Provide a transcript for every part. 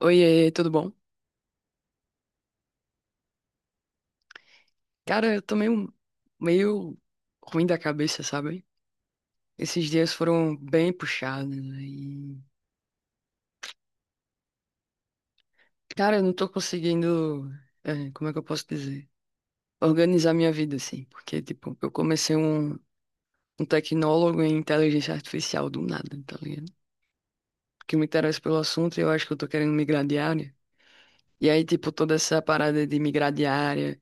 Oiê, tudo bom? Cara, eu tô meio ruim da cabeça, sabe? Esses dias foram bem puxados, né? Cara, eu não tô conseguindo... como é que eu posso dizer? Organizar minha vida, assim. Porque, tipo, eu comecei um tecnólogo em inteligência artificial do nada, tá ligado? Porque me interessa pelo assunto e eu acho que eu tô querendo migrar de área. E aí, tipo, toda essa parada de migrar de área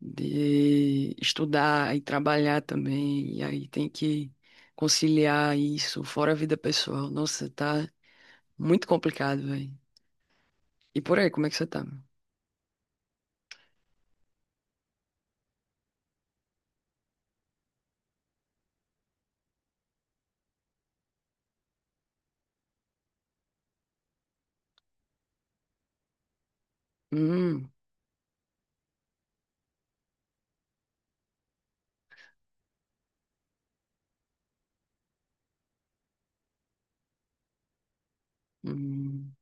de estudar e trabalhar também, e aí tem que conciliar isso, fora a vida pessoal. Nossa, tá muito complicado, velho. E por aí, como é que você tá? Hum. Hum.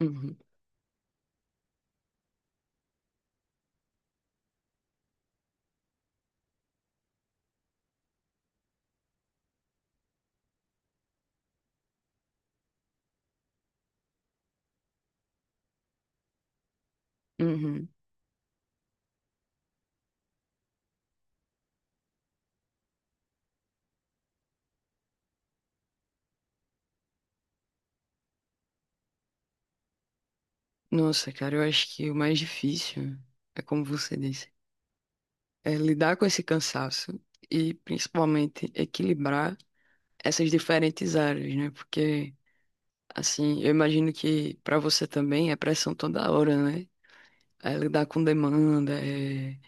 Uhum. Uhum. Nossa, cara, eu acho que o mais difícil é como você disse, é lidar com esse cansaço e principalmente equilibrar essas diferentes áreas, né? Porque assim, eu imagino que pra você também é pressão toda hora, né? É lidar com demanda,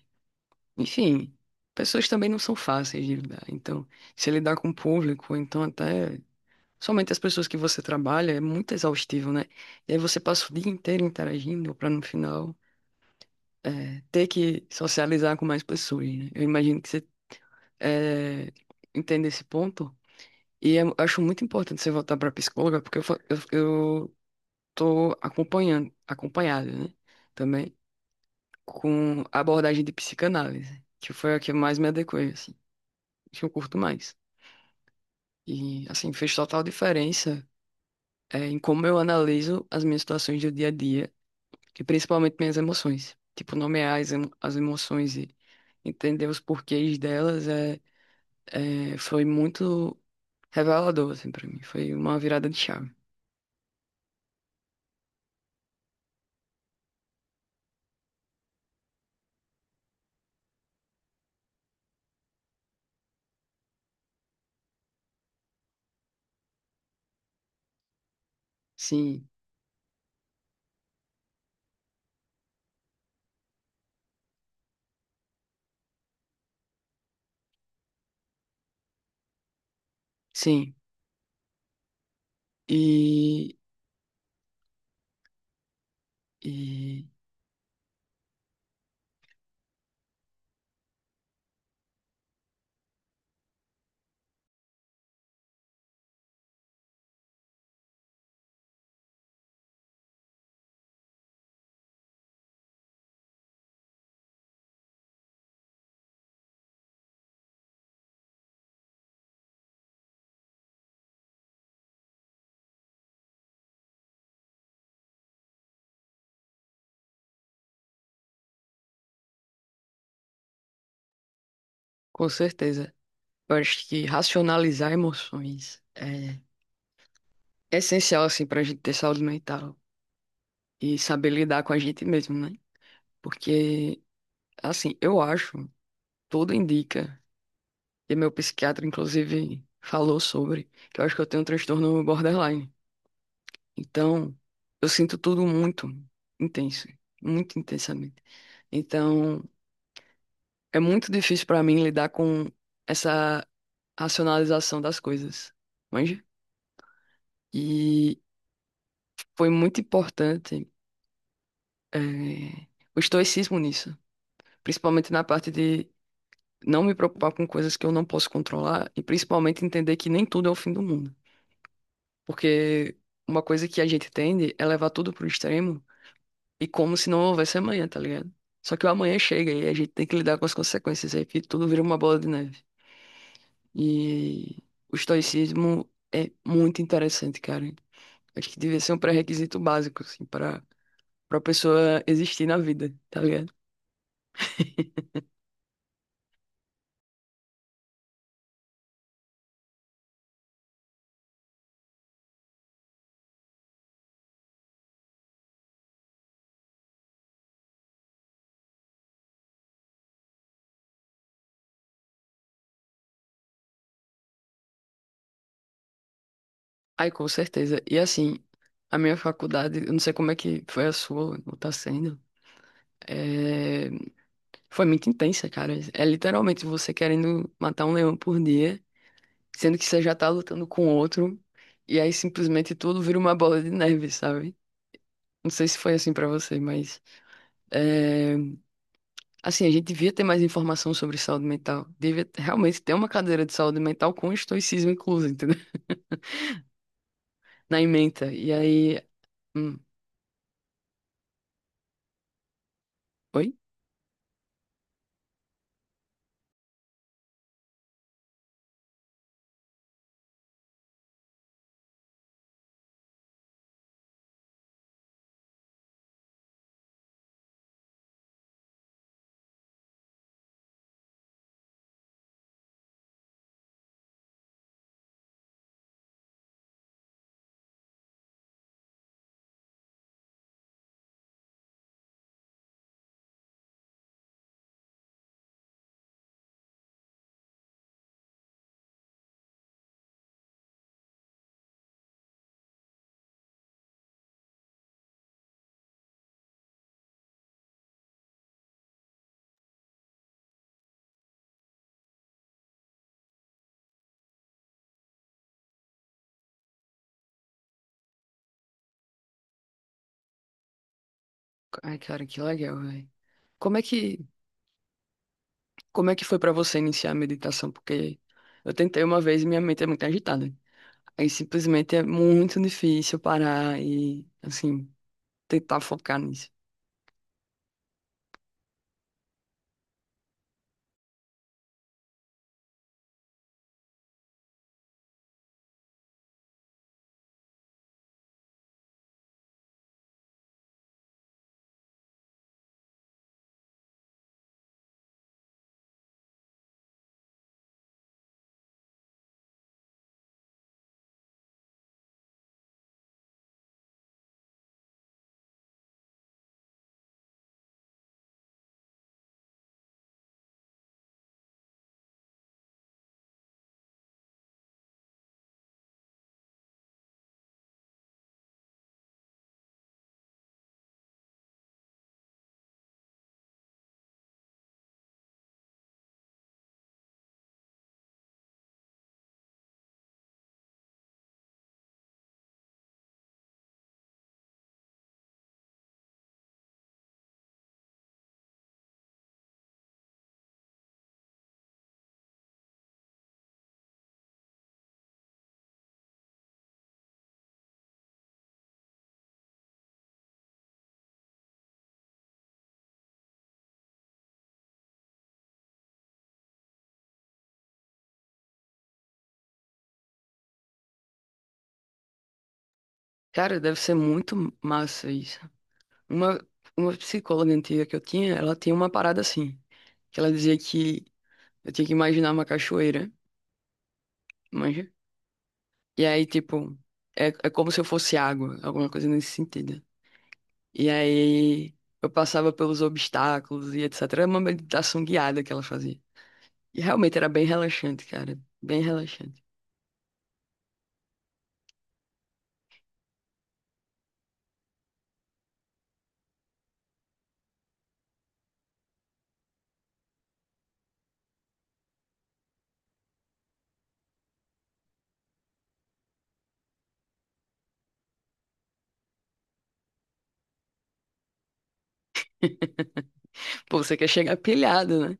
enfim, pessoas também não são fáceis de lidar. Então, se lidar com o público, ou então até somente as pessoas que você trabalha, é muito exaustivo, né? E aí você passa o dia inteiro interagindo para no final ter que socializar com mais pessoas, né? Eu imagino que você é, entende esse ponto. E eu acho muito importante você voltar para psicóloga, porque eu tô acompanhando, acompanhada, né? Também, com a abordagem de psicanálise, que foi a que eu mais me adequei, assim, que eu curto mais. E, assim, fez total diferença, em como eu analiso as minhas situações do dia a dia, e principalmente minhas emoções. Tipo, nomear as emoções e entender os porquês delas, foi muito revelador, assim, pra mim. Foi uma virada de chave. Sim, sim. E, e com certeza, eu acho que racionalizar emoções é essencial, assim, pra gente ter saúde mental e saber lidar com a gente mesmo, né? Porque, assim, eu acho, tudo indica, e meu psiquiatra, inclusive, falou sobre, que eu acho que eu tenho um transtorno borderline. Então, eu sinto tudo muito intenso, muito intensamente. Então, é muito difícil pra mim lidar com essa racionalização das coisas, manja? E foi muito importante, eh, o estoicismo nisso, principalmente na parte de não me preocupar com coisas que eu não posso controlar e principalmente entender que nem tudo é o fim do mundo. Porque uma coisa que a gente tende é levar tudo pro extremo e como se não houvesse amanhã, tá ligado? Só que o amanhã chega e a gente tem que lidar com as consequências aí, que tudo vira uma bola de neve. E o estoicismo é muito interessante, cara. Acho que devia ser um pré-requisito básico, assim, para pessoa existir na vida, tá ligado? Ai, com certeza. E assim, a minha faculdade, eu não sei como é que foi a sua, ou tá sendo, é, foi muito intensa, cara. É literalmente você querendo matar um leão por dia, sendo que você já tá lutando com outro, e aí simplesmente tudo vira uma bola de neve, sabe? Não sei se foi assim pra você, mas é, assim, a gente devia ter mais informação sobre saúde mental. Devia realmente ter uma cadeira de saúde mental com estoicismo incluso, entendeu? Na ementa. E aí. hum, Oi? Ai, cara, que legal, velho. Como é que, como é que foi pra você iniciar a meditação? Porque eu tentei uma vez e minha mente é muito agitada. Aí simplesmente é muito difícil parar e, assim, tentar focar nisso. Cara, deve ser muito massa isso. Uma, uma psicóloga antiga que eu tinha, ela tinha uma parada assim, que ela dizia que eu tinha que imaginar uma cachoeira, manja? E aí, tipo, é como se eu fosse água, alguma coisa nesse sentido. E aí eu passava pelos obstáculos e etc. Era uma meditação guiada que ela fazia. E realmente era bem relaxante, cara. Bem relaxante. Pô, você quer chegar pilhado, né?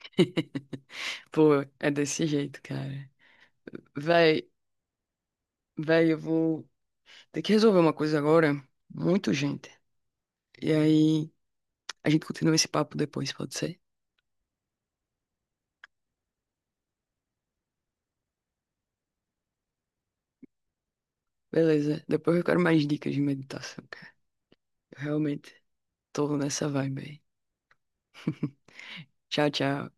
Pô, é desse jeito, cara. Véi, véi, eu vou ter que resolver uma coisa agora. Muito gente. E aí a gente continua esse papo depois, pode ser? Beleza. Depois eu quero mais dicas de meditação, cara. Eu realmente tô nessa vibe aí. Tchau, tchau.